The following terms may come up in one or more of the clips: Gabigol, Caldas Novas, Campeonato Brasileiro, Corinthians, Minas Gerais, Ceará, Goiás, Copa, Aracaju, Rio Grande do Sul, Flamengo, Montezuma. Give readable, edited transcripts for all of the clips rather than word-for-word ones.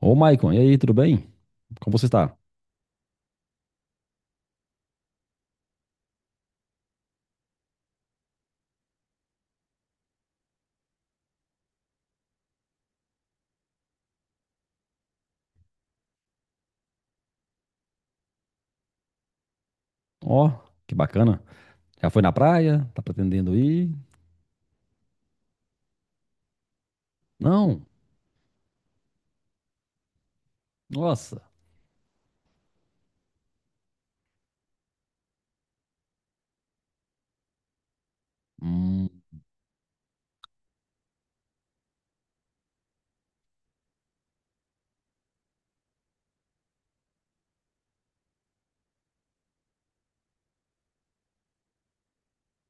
Ô, Maicon, e aí, tudo bem? Como você está? Ó, que bacana. Já foi na praia? Tá pretendendo ir? Não. Nossa. Hum,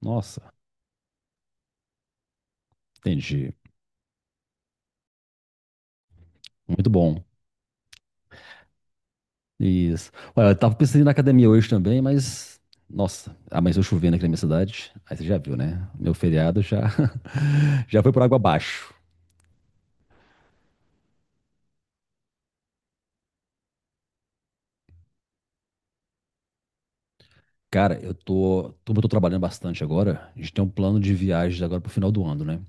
nossa. Entendi. Muito bom. Isso. Olha, eu tava pensando em ir na academia hoje também, mas. Nossa, amanheceu chovendo aqui na minha cidade. Aí você já viu, né? Meu feriado já, já foi por água abaixo. Cara, eu tô, como eu tô trabalhando bastante agora, a gente tem um plano de viagens agora pro final do ano, né?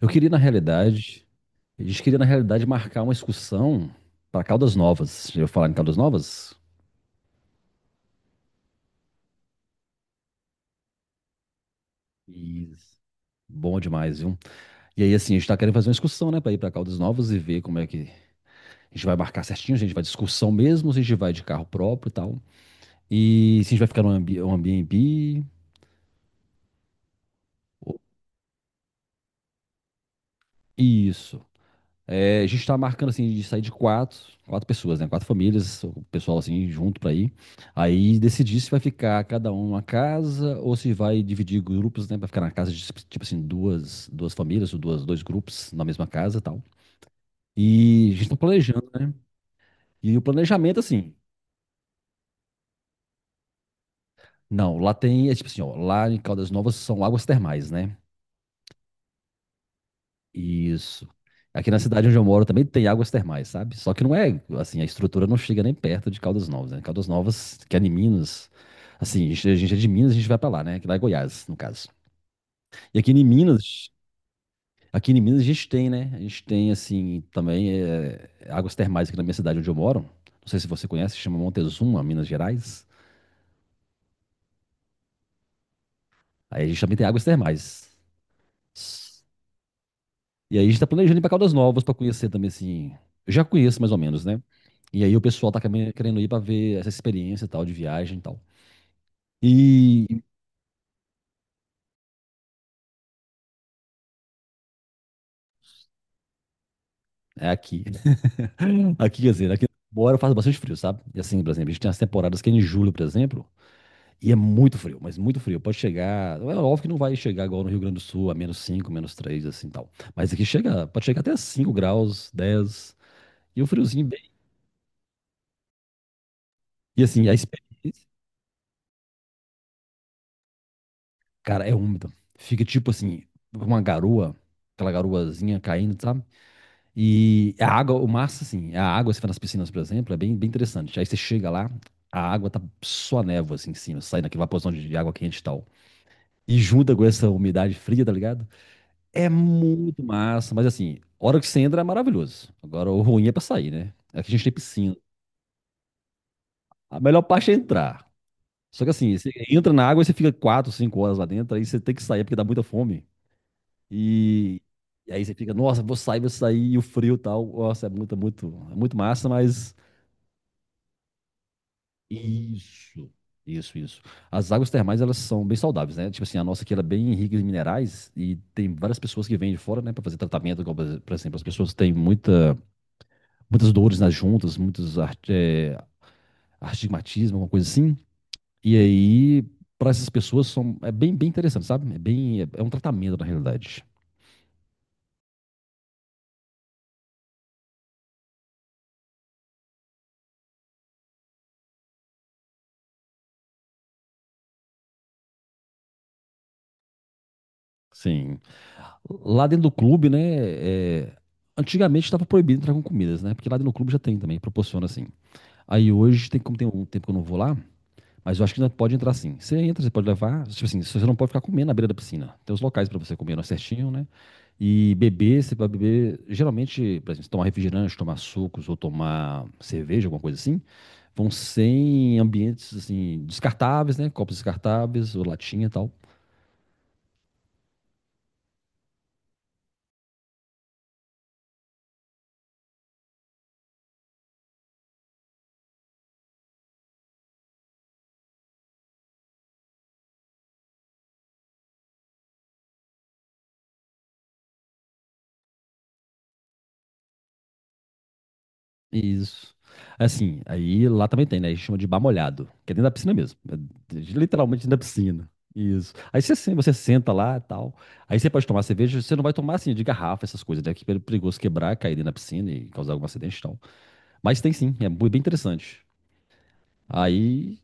Eu queria, na realidade, gente queria, na realidade, marcar uma excursão para Caldas Novas. Já ouviu falar em Caldas Novas? Isso. Bom demais, viu? E aí, assim, a gente tá querendo fazer uma excursão, né, para ir para Caldas Novas e ver como é que a gente vai marcar certinho, se a gente vai de excursão mesmo, se a gente vai de carro próprio e tal. E se a gente vai ficar no Airbnb. Isso. É, a gente tá marcando assim de sair de quatro pessoas, né? Quatro famílias, o pessoal assim junto pra ir. Aí decidir se vai ficar cada um numa casa ou se vai dividir grupos, né? Pra ficar na casa de tipo assim duas famílias ou duas, dois grupos na mesma casa, e tal. E a gente tá planejando, né? E o planejamento assim, não, lá tem é tipo assim, ó, lá em Caldas Novas são águas termais, né? Isso. Aqui na cidade onde eu moro também tem águas termais, sabe? Só que não é, assim, a estrutura não chega nem perto de Caldas Novas, né? Caldas Novas, que é em Minas, assim, a gente é de Minas, a gente vai pra lá, né? Que lá é Goiás, no caso. E aqui em Minas a gente tem, né? A gente tem, assim, também é, águas termais aqui na minha cidade onde eu moro. Não sei se você conhece, chama Montezuma, Minas Gerais. Aí a gente também tem águas termais. E aí a gente tá planejando ir pra Caldas Novas pra conhecer também, assim. Eu já conheço mais ou menos, né? E aí o pessoal tá também querendo ir pra ver essa experiência e tal, de viagem e tal. E é aqui. Aqui, quer dizer, aqui embora faz bastante frio, sabe? E assim, por exemplo, a gente tem as temporadas que é em julho, por exemplo, e é muito frio, mas muito frio. Pode chegar. É óbvio que não vai chegar igual no Rio Grande do Sul, a menos 5 menos 3 assim tal. Mas aqui chega, pode chegar até 5 graus, 10. E o friozinho bem. E assim, a experiência. Cara, é úmido. Fica tipo assim, uma garoa, aquela garoazinha caindo, sabe? E a água, o massa, assim, a água, se for nas piscinas, por exemplo, é bem, bem interessante. Aí você chega lá, a água tá só névoa, assim, em cima, saindo aquela vaporzão de água quente e tal. E junta com essa umidade fria, tá ligado? É muito massa, mas assim, a hora que você entra é maravilhoso. Agora, o ruim é pra sair, né? Aqui a gente tem piscina. A melhor parte é entrar. Só que assim, você entra na água e você fica 4, 5 horas lá dentro, aí você tem que sair porque dá muita fome. E, e aí você fica, nossa, vou sair, e o frio e tal. Nossa, é muito, muito, é muito massa, mas. Isso, isso, isso. As águas termais, elas são bem saudáveis, né? Tipo assim, a nossa aqui ela é bem rica em minerais e tem várias pessoas que vêm de fora, né, para fazer tratamento, igual, por exemplo, as pessoas têm muita, muitas dores nas juntas, muitos astigmatismo, alguma coisa assim. E aí, para essas pessoas, são, é bem, bem interessante, sabe? É bem, é um tratamento na realidade. Sim. Lá dentro do clube, né? É, antigamente estava proibido entrar com comidas, né? Porque lá dentro do clube já tem também, proporciona assim. Aí hoje, tem, como tem um tempo que eu não vou lá, mas eu acho que ainda pode entrar sim. Você entra, você pode levar. Tipo assim, você não pode ficar comendo na beira da piscina. Tem os locais para você comer não é certinho, né? E beber, você vai beber. Geralmente, por exemplo, se tomar refrigerante, tomar sucos ou tomar cerveja, alguma coisa assim, vão sem ambientes assim, descartáveis, né? Copos descartáveis ou latinha e tal. Isso. Assim, aí lá também tem, né? A gente chama de bar molhado, que é dentro da piscina mesmo. É literalmente dentro da piscina. Isso. Aí você, você senta lá e tal. Aí você pode tomar cerveja, você não vai tomar assim de garrafa, essas coisas, né? Que é perigoso quebrar, cair dentro da piscina e causar algum acidente, então. Mas tem sim, é bem interessante. Aí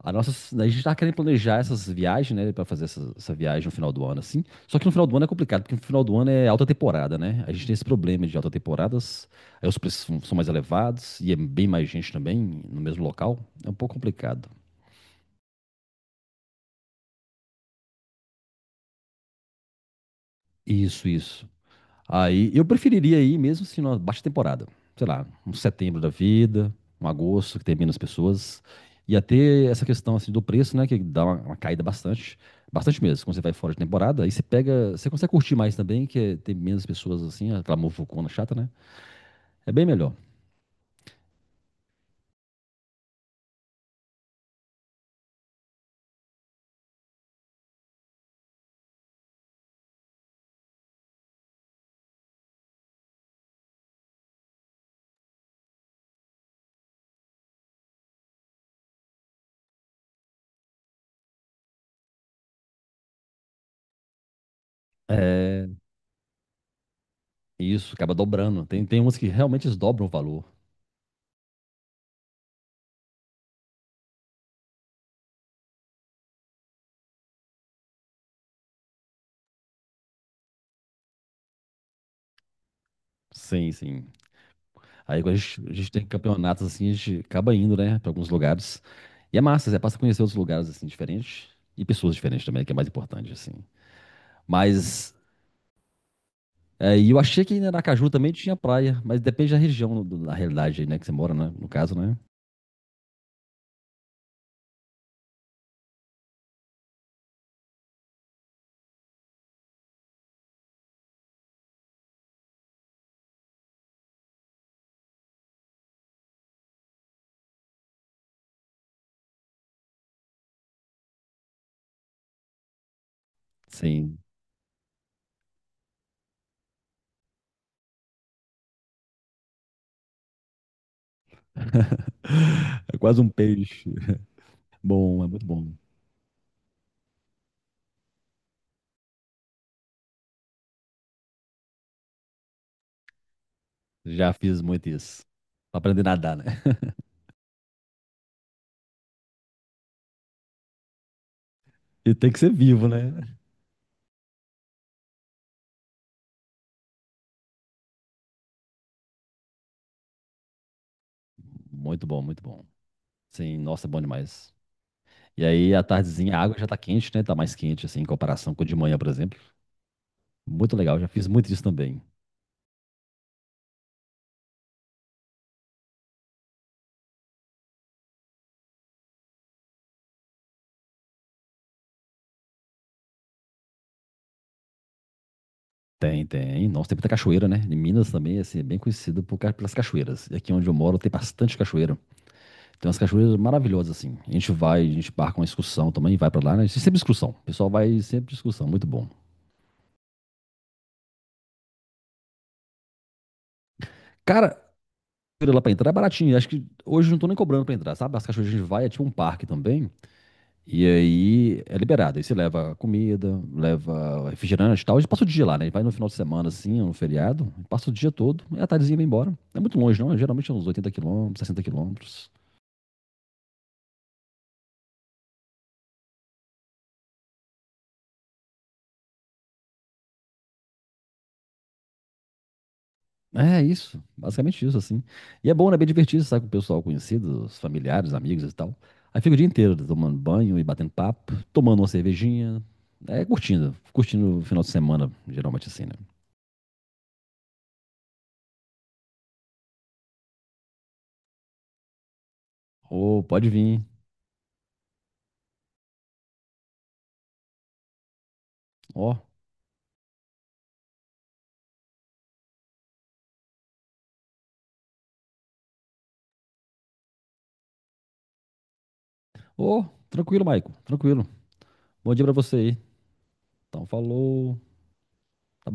a nossa, a gente tá querendo planejar essas viagens, né, pra fazer essa viagem no final do ano, assim. Só que no final do ano é complicado, porque no final do ano é alta temporada, né? A gente tem esse problema de alta temporadas, aí os preços são mais elevados e é bem mais gente também no mesmo local. É um pouco complicado. Isso, isso. Aí eu preferiria ir mesmo se numa baixa temporada. Sei lá, um setembro da vida, um agosto que tem menos pessoas. E até essa questão assim do preço, né? Que dá uma caída bastante. Bastante mesmo. Quando você vai fora de temporada, aí você pega. Você consegue curtir mais também, que tem menos pessoas assim, aquela muvucona chata, né? É bem melhor. É, isso, acaba dobrando. Tem umas que realmente eles dobram o valor. Sim, sim. Aí quando a gente tem campeonatos assim, a gente acaba indo, né, pra alguns lugares. E é massa, você passa a conhecer outros lugares assim diferentes e pessoas diferentes também, que é mais importante assim. Mas é, e eu achei que em Aracaju também tinha praia, mas depende da região, da realidade aí, né, que você mora, né, no caso, né? Sim. É quase um peixe. Bom, é muito bom. Já fiz muito isso. Pra aprender a nadar, né? E tem que ser vivo, né? Muito bom, muito bom. Sim, nossa, é bom demais. E aí, à tardezinha, a água já tá quente, né? Tá mais quente, assim, em comparação com de manhã, por exemplo. Muito legal, já fiz muito disso também. Tem, tem. Nossa, tem muita cachoeira, né? Em Minas também, assim, é bem conhecido por, pelas cachoeiras. E aqui onde eu moro tem bastante cachoeira. Tem umas cachoeiras maravilhosas, assim. A gente vai, a gente marca uma excursão também, vai pra lá, né? Sempre excursão. O pessoal vai sempre excursão, muito bom. Cara, cachoeira lá pra entrar é baratinho. Acho que hoje não tô nem cobrando pra entrar, sabe? As cachoeiras que a gente vai, é tipo um parque também. E aí é liberado. Aí você leva comida, leva refrigerante e tal. A gente passa o dia lá, né? Vai no final de semana, assim, no feriado, passa o dia todo, e a tardezinha vai embora. Não é muito longe, não. Geralmente é uns 80 km, 60 km. É isso, basicamente isso, assim. E é bom, né? É bem divertido, sabe? Com o pessoal conhecido, os familiares, amigos e tal. Aí fica o dia inteiro tomando banho e batendo papo, tomando uma cervejinha. É, curtindo, curtindo o final de semana, geralmente assim, né? Ô, pode vir. Ó, ô, tranquilo, Maico, tranquilo. Bom dia pra você aí. Então, falou. Tá bom.